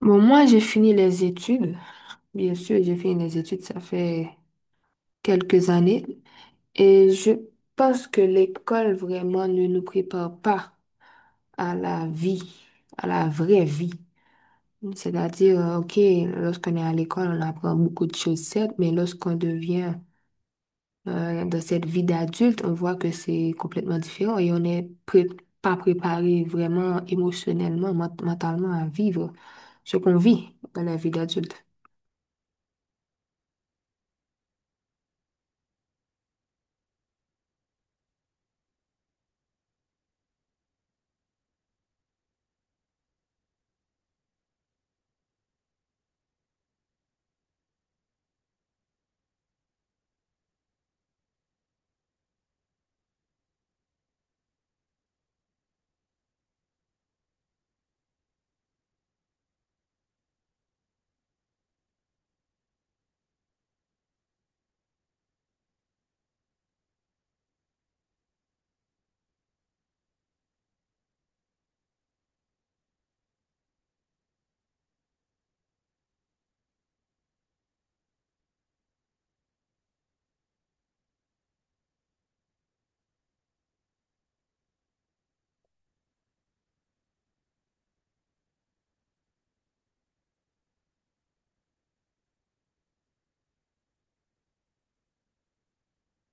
Bon, moi, j'ai fini les études. Bien sûr, j'ai fini les études, ça fait quelques années. Et je pense que l'école vraiment ne nous prépare pas à la vie, à la vraie vie. C'est-à-dire, OK, lorsqu'on est à l'école, on apprend beaucoup de choses, certes, mais lorsqu'on devient dans cette vie d'adulte, on voit que c'est complètement différent et on n'est pré- pas préparé vraiment émotionnellement, mentalement à vivre ce qu'on vit dans la vie d'adulte.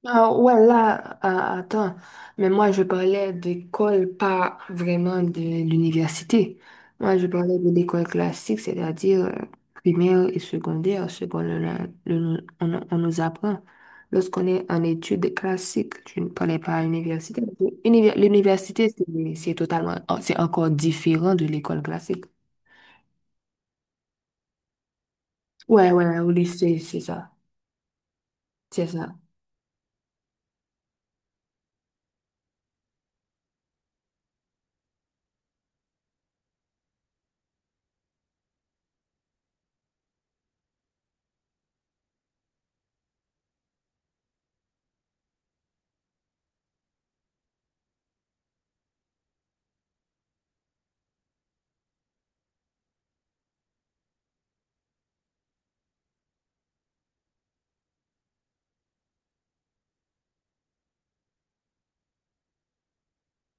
Ah ouais, là, ah, attends, mais moi je parlais d'école, pas vraiment de l'université. Moi je parlais de l'école classique, c'est-à-dire primaire et secondaire, ce qu'on le- on nous apprend lorsqu'on est en études classiques. Je ne parlais pas à l'université. L'université, c'est totalement, oh, c'est encore différent de l'école classique. Ouais, ouais, au lycée, c'est ça. C'est ça.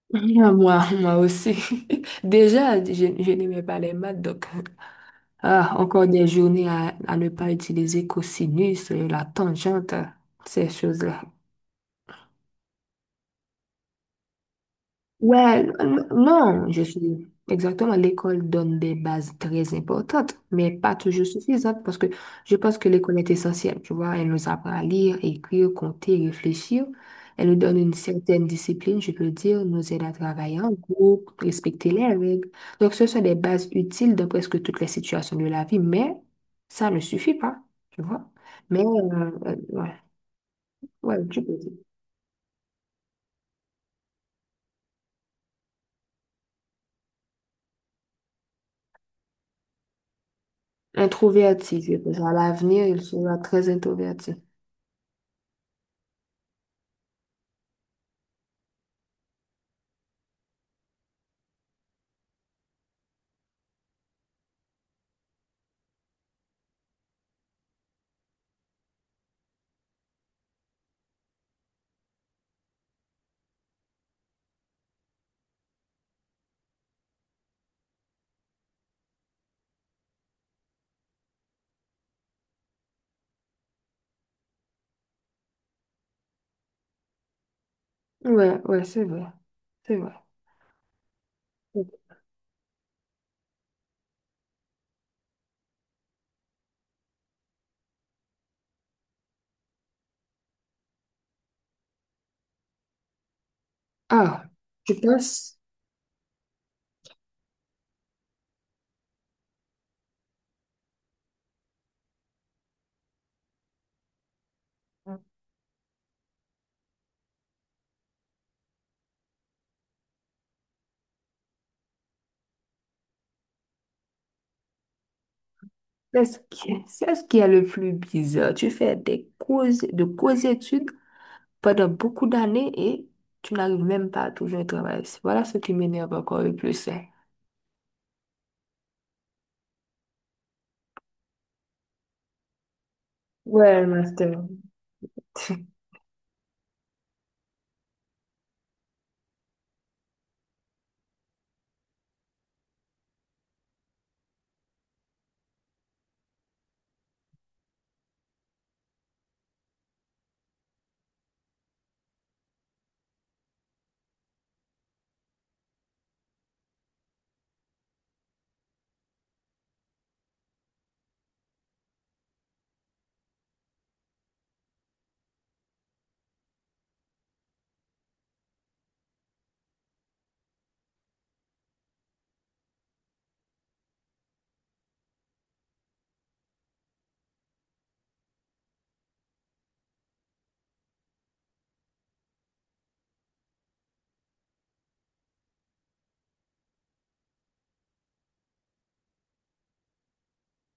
Moi aussi. Déjà, je n'aimais pas les maths, donc. Ah, encore des journées à ne pas utiliser cosinus, la tangente, ces choses-là. Ouais, non, je suis exactement. L'école donne des bases très importantes, mais pas toujours suffisantes parce que je pense que l'école est essentielle. Tu vois, elle nous apprend à lire, écrire, compter, réfléchir. Elle nous donne une certaine discipline, je peux dire, nous aide à travailler en groupe, respecter les règles. Donc, ce sont des bases utiles dans presque toutes les situations de la vie, mais ça ne suffit pas, tu vois. Mais, ouais, ouais, tu peux dire. Introverti, je pense. À l'avenir, il sera très introverti. Ouais, ouais, c'est vrai. C'est vrai. Ah, je pense c'est ce qui est le plus bizarre. Tu fais des causes, de causes études pendant beaucoup d'années et tu n'arrives même pas à trouver un travail. Voilà ce qui m'énerve encore le plus, hein. Ouais, master.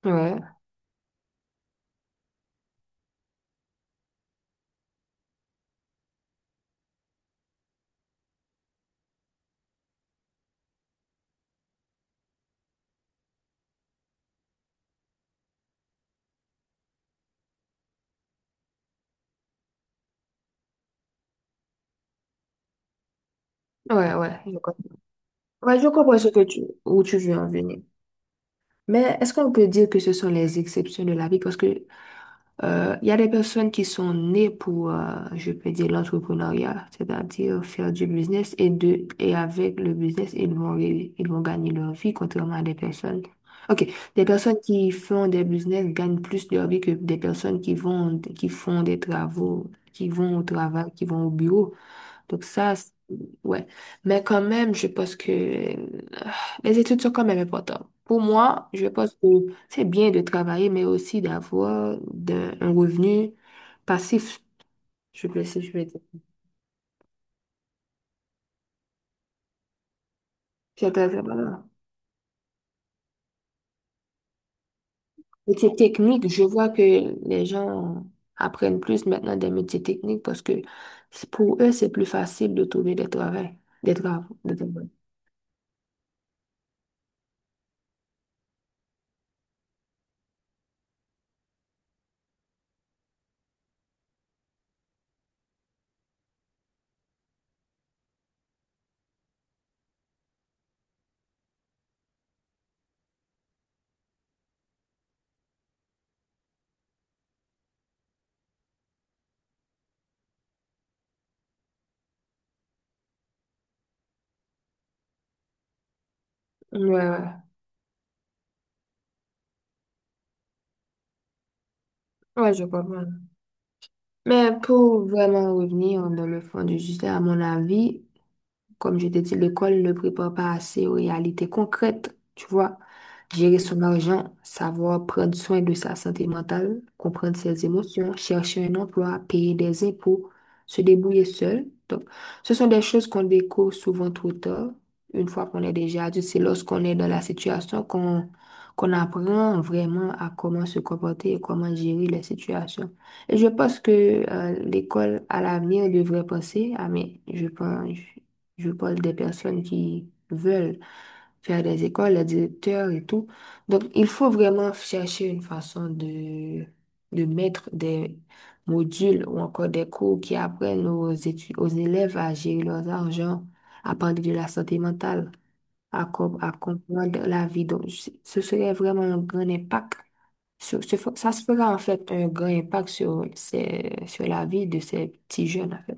Ouais, ouais, ouais. Je comprends, ouais, je comprends ce que tu, où tu veux en venir. Mais est-ce qu'on peut dire que ce sont les exceptions de la vie? Parce que il y a des personnes qui sont nées pour, je peux dire, l'entrepreneuriat, c'est-à-dire faire du business et de et avec le business, ils vont gagner leur vie, contrairement à des personnes. OK, des personnes qui font des business gagnent plus leur vie que des personnes qui vont qui font des travaux, qui vont au travail, qui vont au bureau. Donc ça, c'est- ouais. Mais quand même, je pense que les études sont quand même importantes. Pour moi, je pense que c'est bien de travailler, mais aussi d'avoir un revenu passif, je peux, si je peux dire. C'est très important. Métier technique, je vois que les gens apprennent plus maintenant des métiers techniques parce que c'est- pour eux, c'est plus facile de trouver des travaux, des travaux, des travaux. Ouais, ouais. Ouais, je comprends. Mais pour vraiment revenir dans le fond du sujet, à mon avis, comme je t'ai dit, l'école ne prépare pas assez aux réalités concrètes, tu vois. Gérer son argent, savoir prendre soin de sa santé mentale, comprendre ses émotions, chercher un emploi, payer des impôts, se débrouiller seul. Donc, ce sont des choses qu'on découvre souvent trop tard. Une fois qu'on est déjà adulte, c'est lorsqu'on est dans la situation qu'on apprend vraiment à comment se comporter et comment gérer les situations. Et je pense que l'école à l'avenir devrait penser, ah mais je pense. Je parle des personnes qui veulent faire des écoles, les directeurs et tout. Donc, il faut vraiment chercher une façon de mettre des modules ou encore des cours qui apprennent aux élèves à gérer leurs argent, à parler de la santé mentale, à comprendre la vie. Donc, je- ce serait vraiment un grand impact. Ça se fera en fait un grand impact sur, sur la vie de ces petits jeunes, en fait.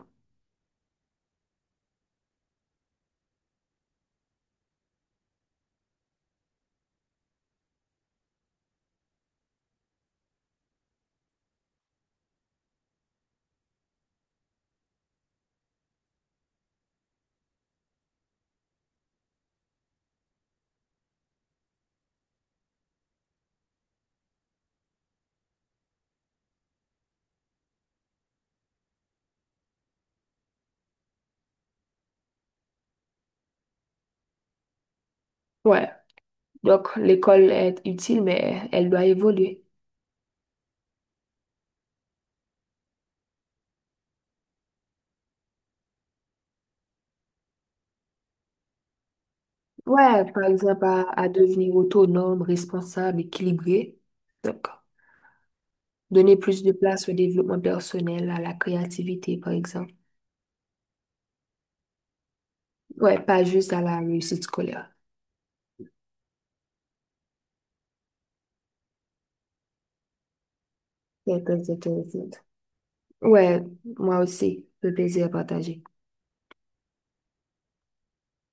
Ouais. Donc, l'école est utile, mais elle doit évoluer. Ouais, par exemple, à devenir autonome, responsable, équilibré. Donc, donner plus de place au développement personnel, à la créativité, par exemple. Ouais, pas juste à la réussite scolaire. C'est très intéressant. Ouais, moi aussi, le plaisir à partager.